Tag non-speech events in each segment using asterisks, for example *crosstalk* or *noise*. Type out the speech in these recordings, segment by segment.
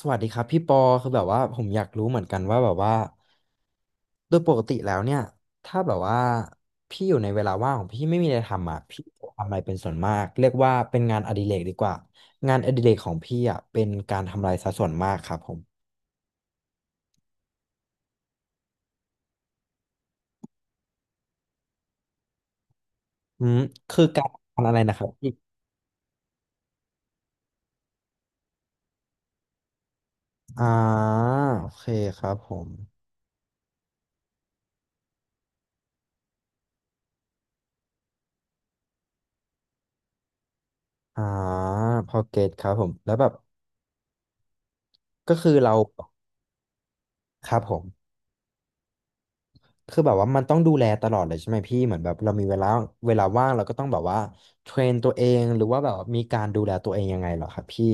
สวัสดีครับพี่ปอคือแบบว่าผมอยากรู้เหมือนกันว่าแบบว่าโดยปกติแล้วเนี่ยถ้าแบบว่าพี่อยู่ในเวลาว่างของพี่ไม่มีอะไรทำอ่ะพี่ทำอะไรเป็นส่วนมากเรียกว่าเป็นงานอดิเรกดีกว่างานอดิเรกของพี่อ่ะเป็นการทำลายซะส่วนมากครับผมอืมคือการทำอะไรนะครับพี่อ่าโอเคครับผมอ่าพอเก็ตครับผมแล้วแบบก็คือเราครับผม คือแบบว่ามันต้องดูแลตลอดเลยใช่ไหมพี่เหมือนแบบเรามีเวลาเวลาว่างเราก็ต้องแบบว่าเทรนตัวเองหรือว่าแบบว่ามีการดูแลตัวเองยังไงเหรอครับพี่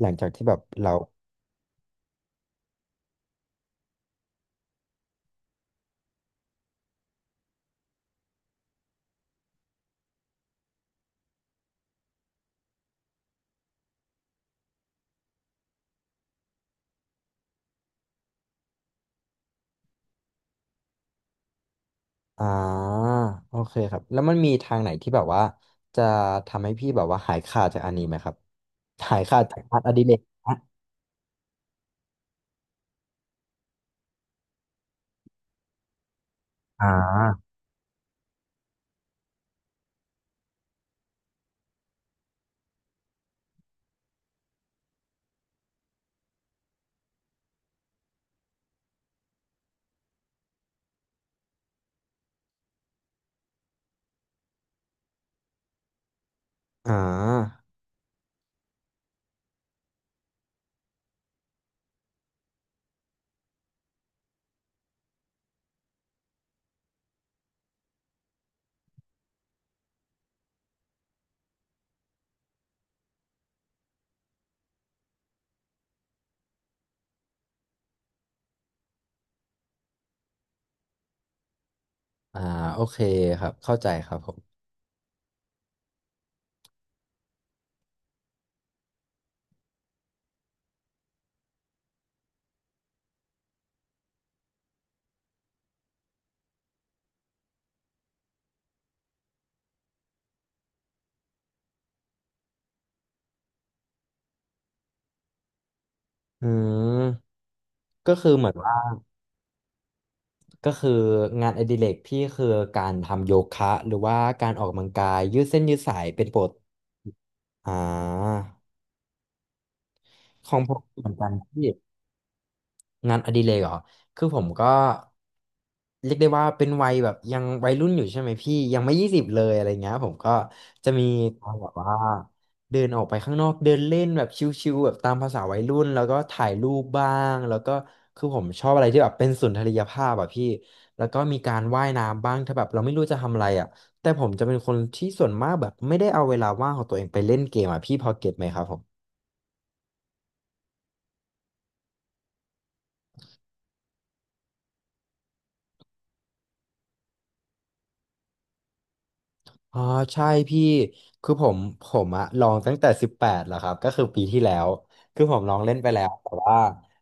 หลังจากที่แบบเราอ่าโอเคครับแล้วมันมีทางไหนที่แบบว่าจะทำให้พี่แบบว่าหายขาดจากอันนี้ไหมครับหายขาดจากงานอดิเรกนะอ่าอ่าอ่าโอเคครับเข้าใจครับผมอืมก็คือเหมือนว่า ก็คืองานอดิเรกพี่คือการทำโยคะหรือว่าการออกกำลังกายยืดเส้นยืดสายเป็นปกติอ่าของผมเหมือนกันพี่ งานอดิเรกเหรอคือผมก็เรียกได้ว่าเป็นวัยแบบยังวัยรุ่นอยู่ใช่ไหมพี่ยังไม่20เลยอะไรเงี้ยผมก็จะมีการแบบว่าเดินออกไปข้างนอกเดินเล่นแบบชิวๆแบบตามภาษาวัยรุ่นแล้วก็ถ่ายรูปบ้างแล้วก็คือผมชอบอะไรที่แบบเป็นสุนทรียภาพอะพี่แล้วก็มีการว่ายน้ำบ้างถ้าแบบเราไม่รู้จะทำอะไรอะแต่ผมจะเป็นคนที่ส่วนมากแบบไม่ได้เอาเวลาว่างของตัวเองไปเล่นเกมอะพี่พอเก็ตไหมครับผม อ๋อใช่พี่คือผมอะลองตั้งแต่สิบแปดแล้วครับก็คือปีที่แล้วคือผมลองเล่นไปแล้วแต่ว่า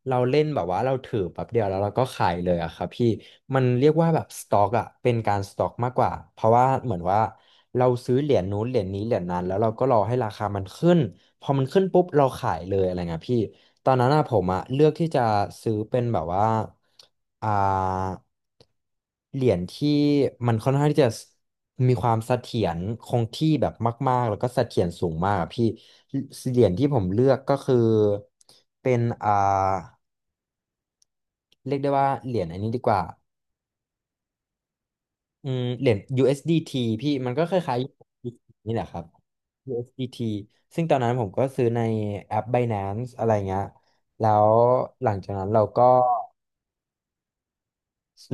เราเล่นแบบว่าเราถือแป๊บเดียวแล้วเราก็ขายเลยอะครับพี่มันเรียกว่าแบบสต็อกอะเป็นการสต็อกมากกว่าเพราะว่าเหมือนว่าเราซื้อเหรียญนู้นเหรียญนี้เหรียญนั้นแล้วเราก็รอให้ราคามันขึ้นพอมันขึ้นปุ๊บเราขายเลยอะไรเงี้ยพี่ ตอนนั้นอะผมอะเลือกที่จะซื้อเป็นแบบว่าอ่าเหรียญที่มันค่อนข้างที่จะมีความเสถียรคงที่แบบมากๆแล้วก็เสถียรสูงมากอะพี่เหรียญที่ผมเลือกก็คือเป็นเรียกได้ว่าเหรียญอันนี้ดีกว่าอืมเหรียญ USDT พี่มันก็คล้ายๆ USDT นี่แหละครับ USDT ซึ่งตอนนั้นผมก็ซื้อในแอป Binance อะไรเงี้ยแล้วหลังจากนั้นเราก็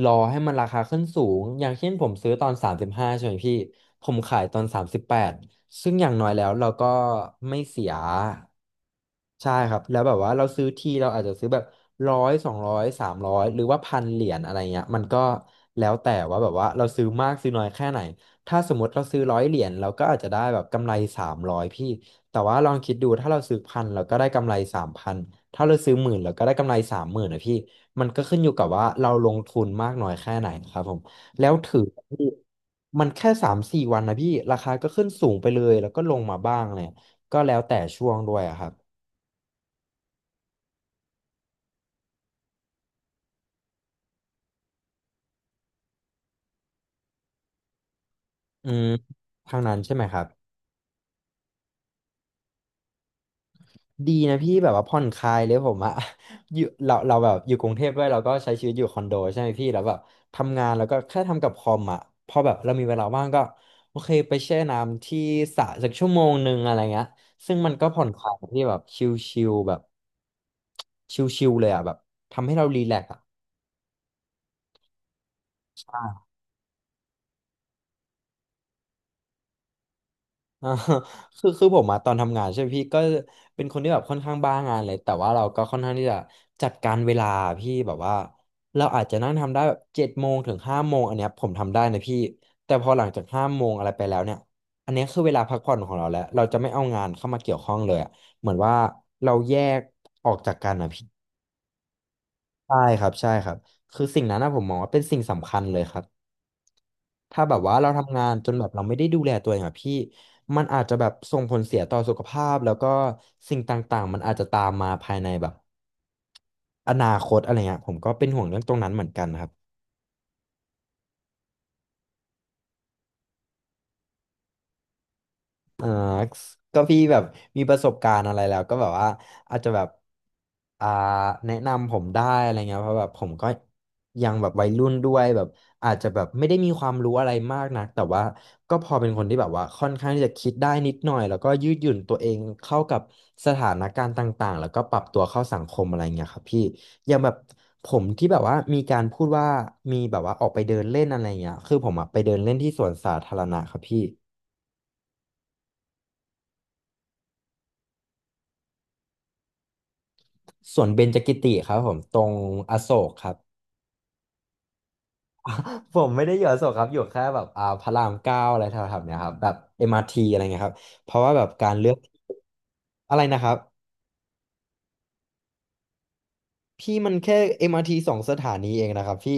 รอให้มันราคาขึ้นสูงอย่างเช่นผมซื้อตอน35ใช่ไหมพี่ผมขายตอน38ซึ่งอย่างน้อยแล้วเราก็ไม่เสียใช่ครับแล้วแบบว่าเราซื้อทีเราอาจจะซื้อแบบร้อย200สามร้อยหรือว่าพันเหรียญอะไรเงี้ยมันก็แล้วแต่ว่าแบบว่าเราซื้อมากซื้อน้อยแค่ไหนถ้าสมมติเราซื้อ100 เหรียญเราก็อาจจะได้แบบกำไรสามร้อยพี่แต่ว่าลองคิดดูถ้าเราซื้อพันเราก็ได้กำไร3,000ถ้าเราซื้อหมื่นเราก็ได้กำไร30,000นะพี่ มันก็ขึ้นอยู่กับว่าเราลงทุนมากน้อยแค่ไหนครับผมแล้วถือที่มันแค่สามสี่วันนะพี่ราคาก็ขึ้นสูงไปเลยแล้วก็ลงมาบ้างเลยก็แล้วแต่ช่วงด้วยอะครับอืมทางนั้นใช่ไหมครับ ดีนะพี่แบบว่าผ่อนคลายเลยผมอะ *laughs* อยู่เราแบบอยู่กรุงเทพด้วยเราก็ใช้ชีวิตอยู่คอนโดใช่ไหมพี่แล้วแบบทำงานแล้วก็แค่ทำกับคอมอะพอแบบเรามีเวลาว่างก็โอเคไปแช่น้ำที่สระสักชั่วโมงหนึ่งอะไรเงี้ยซึ่งมันก็ผ่อนคลายที่แบบชิลๆแบบชิลๆเลยอะแบบทำให้เรารีแลกซ์อะ อ่า *laughs* คือผมมาตอนทำงานใช่ไหมพี่ก็เป็นคนที่แบบค่อนข้างบ้างานเลยแต่ว่าเราก็ค่อนข้างที่จะจัดการเวลาพี่แบบว่าเราอาจจะนั่งทำได้แบบ7 โมงถึง 5 โมงอันเนี้ยผมทำได้นะพี่แต่พอหลังจากห้าโมงอะไรไปแล้วเนี่ยอันเนี้ยคือเวลาพักผ่อนของเราแล้วเราจะไม่เอางานเข้ามาเกี่ยวข้องเลยอะเหมือนว่าเราแยกออกจากกันนะพี่ใช่ครับใช่ครับคือสิ่งนั้นนะผมมองว่าเป็นสิ่งสำคัญเลยครับ ถ้าแบบว่าเราทำงานจนแบบเราไม่ได้ดูแลตัวเองอะพี่ มันอาจจะแบบส่งผลเสียต่อสุขภาพแล้วก็สิ่งต่างๆมันอาจจะตามมาภายในแบบอนาคตอะไรเงี้ยผมก็เป็นห่วงเรื่องตรงนั้นเหมือนกันครับ ก็พี่แบบมีประสบการณ์อะไรแล้วก็แบบว่าอาจจะแบบอ่าแนะนำผมได้อะไรเงี้ยเพราะแบบผมก็ยังแบบวัยรุ่นด้วยแบบอาจจะแบบไม่ได้มีความรู้อะไรมากนักแต่ว่าก็พอเป็นคนที่แบบว่าค่อนข้างที่จะคิดได้นิดหน่อยแล้วก็ยืดหยุ่นตัวเองเข้ากับสถานการณ์ต่างๆแล้วก็ปรับตัวเข้าสังคมอะไรเงี้ยครับพี่อย่างแบบผมที่แบบว่ามีการพูดว่ามีแบบว่าออกไปเดินเล่นอะไรเงี้ยคือผมอะไปเดินเล่นที่สวนสาธารณะครับพี่ สวนเบญจกิติครับผมตรงอโศกครับผมไม่ได้อยู่อโศกครับอยู่แค่แบบพระรามเก้าอะไรแถวๆเนี้ยครับแบบเอ็มอาร์ทีอะไรเงี้ยครับเพราะว่าแบบการเลือกอะไรนะครับพี่มันแค่เอ็มอาร์ทีสองสถานีเองนะครับพี่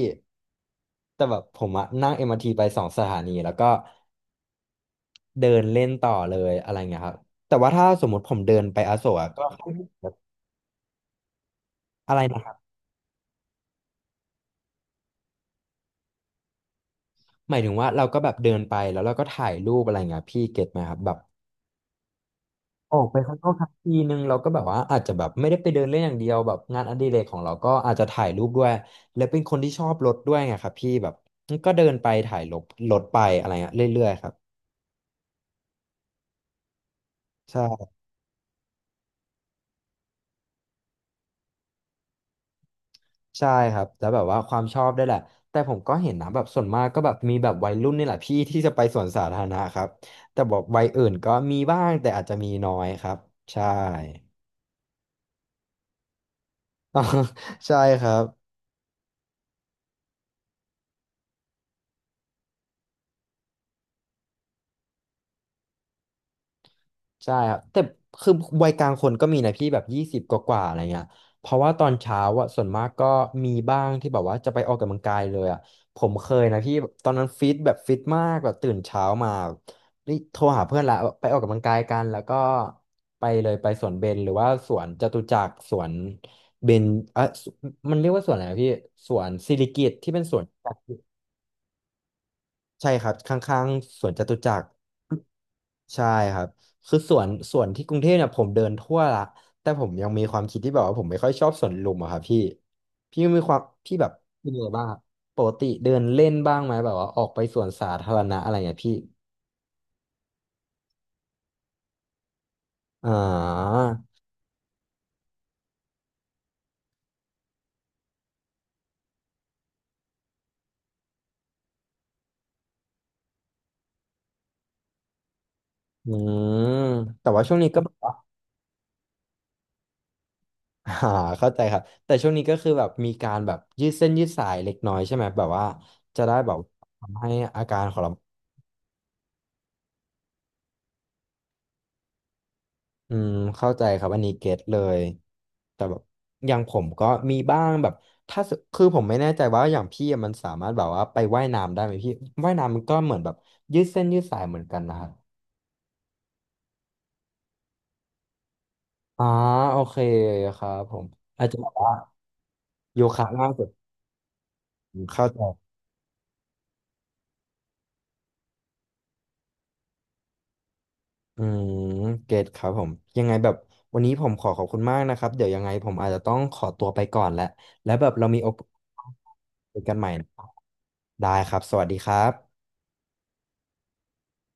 แต่แบบผมอะนั่งเอ็มอาร์ทีไปสองสถานีแล้วก็เดินเล่นต่อเลยอะไรเงี้ยครับแต่ว่าถ้าสมมติผมเดินไปอโศกอะก็อะไรนะครับหมายถึงว่าเราก็แบบเดินไปแล้วเราก็ถ่ายรูปอะไรเงี้ยพี่เก็ตไหมครับแบบ ออกไปข้างนอกทักทีนึงเราก็แบบว่าอาจจะแบบไม่ได้ไปเดินเล่นอย่างเดียวแบบงานอดิเรกของเราก็อาจจะถ่ายรูปด้วยและเป็นคนที่ชอบรถด้วยไงครับพี่แบบก็เดินไปถ่ายรถไปอะไรเงี้ยเรื่อยๆครับใช่ใช่ครับแล้วแบบว่าความชอบได้วยแหละแต่ผมก็เห็นนะแบบส่วนมากก็แบบมีแบบวัยรุ่นนี่แหละพี่ที่จะไปสวนสาธารณะครับแต่บอกวัยอื่นก็มีบ้างแต่อาจจะมีน้อยครับใช่ *laughs* ใช่ครับ ใช่ครับแต่คือวัยกลางคนก็มีนะพี่แบบยี่สิบกว่าๆอะไรเงี้ยเพราะว่าตอนเช้าอะส่วนมากก็มีบ้างที่แบบว่าจะไปออกกำลังกายเลยอะผมเคยนะพี่ตอนนั้นฟิตแบบฟิตมากแบบตื่นเช้ามานี่โทรหาเพื่อนละไปออกกำลังกายกันแล้วก็ไปเลยไปสวนเบญหรือว่าสวนจตุจักรสวนเบญเอ่ะมันเรียกว่าสวนอะไรนะพี่สวนสิริกิติ์ที่เป็นสวนจตุจักรใช่ครับข้างๆสวนจตุจักร ใช่ครับคือสวนที่กรุงเทพเนี่ยผมเดินทั่วละแต่ผมยังมีความคิดที่แบบว่าผมไม่ค่อยชอบสวนลุมอะครับพี่พี่มีความพี่แบบเป็นยังไงบ้างครับปกติเดินเล่นบ้างไหมแบบว่าออกไปสวนสาธารณะอะไรเงี้ยพี่อ่าอืมแต่ว่าช่วงนี้ก็แบบว่า *laughs* อ่าเข้าใจครับแต่ช่วงนี้ก็คือแบบมีการแบบยืดเส้นยืดสายเล็กน้อยใช่ไหมแบบว่าจะได้แบบทำให้อาการของเรา อืมเข้าใจครับอันนี้เก็ตเลยแต่แบบอย่างผมก็มีบ้างแบบถ้าสคือผมไม่แน่ใจว่าอย่างพี่อะมันสามารถแบบว่าไปว่ายน้ำได้ไหมพี่ว่ายน้ำมันก็เหมือนแบบยืดเส้นยืดสายเหมือนกันนะครับอ่าโอเคครับผมอาจจะแบบว่าโยคะง่ายสุดผมเข้าใจอืมเกตครับผมยังไงแบบวันนี้ผมขอขอบคุณมากนะครับเดี๋ยวยังไงผมอาจจะต้องขอตัวไปก่อนแหละแล้วแบบเรามีโอกาสคุยกันใหม่นะครับได้ครับสวัสดีครับ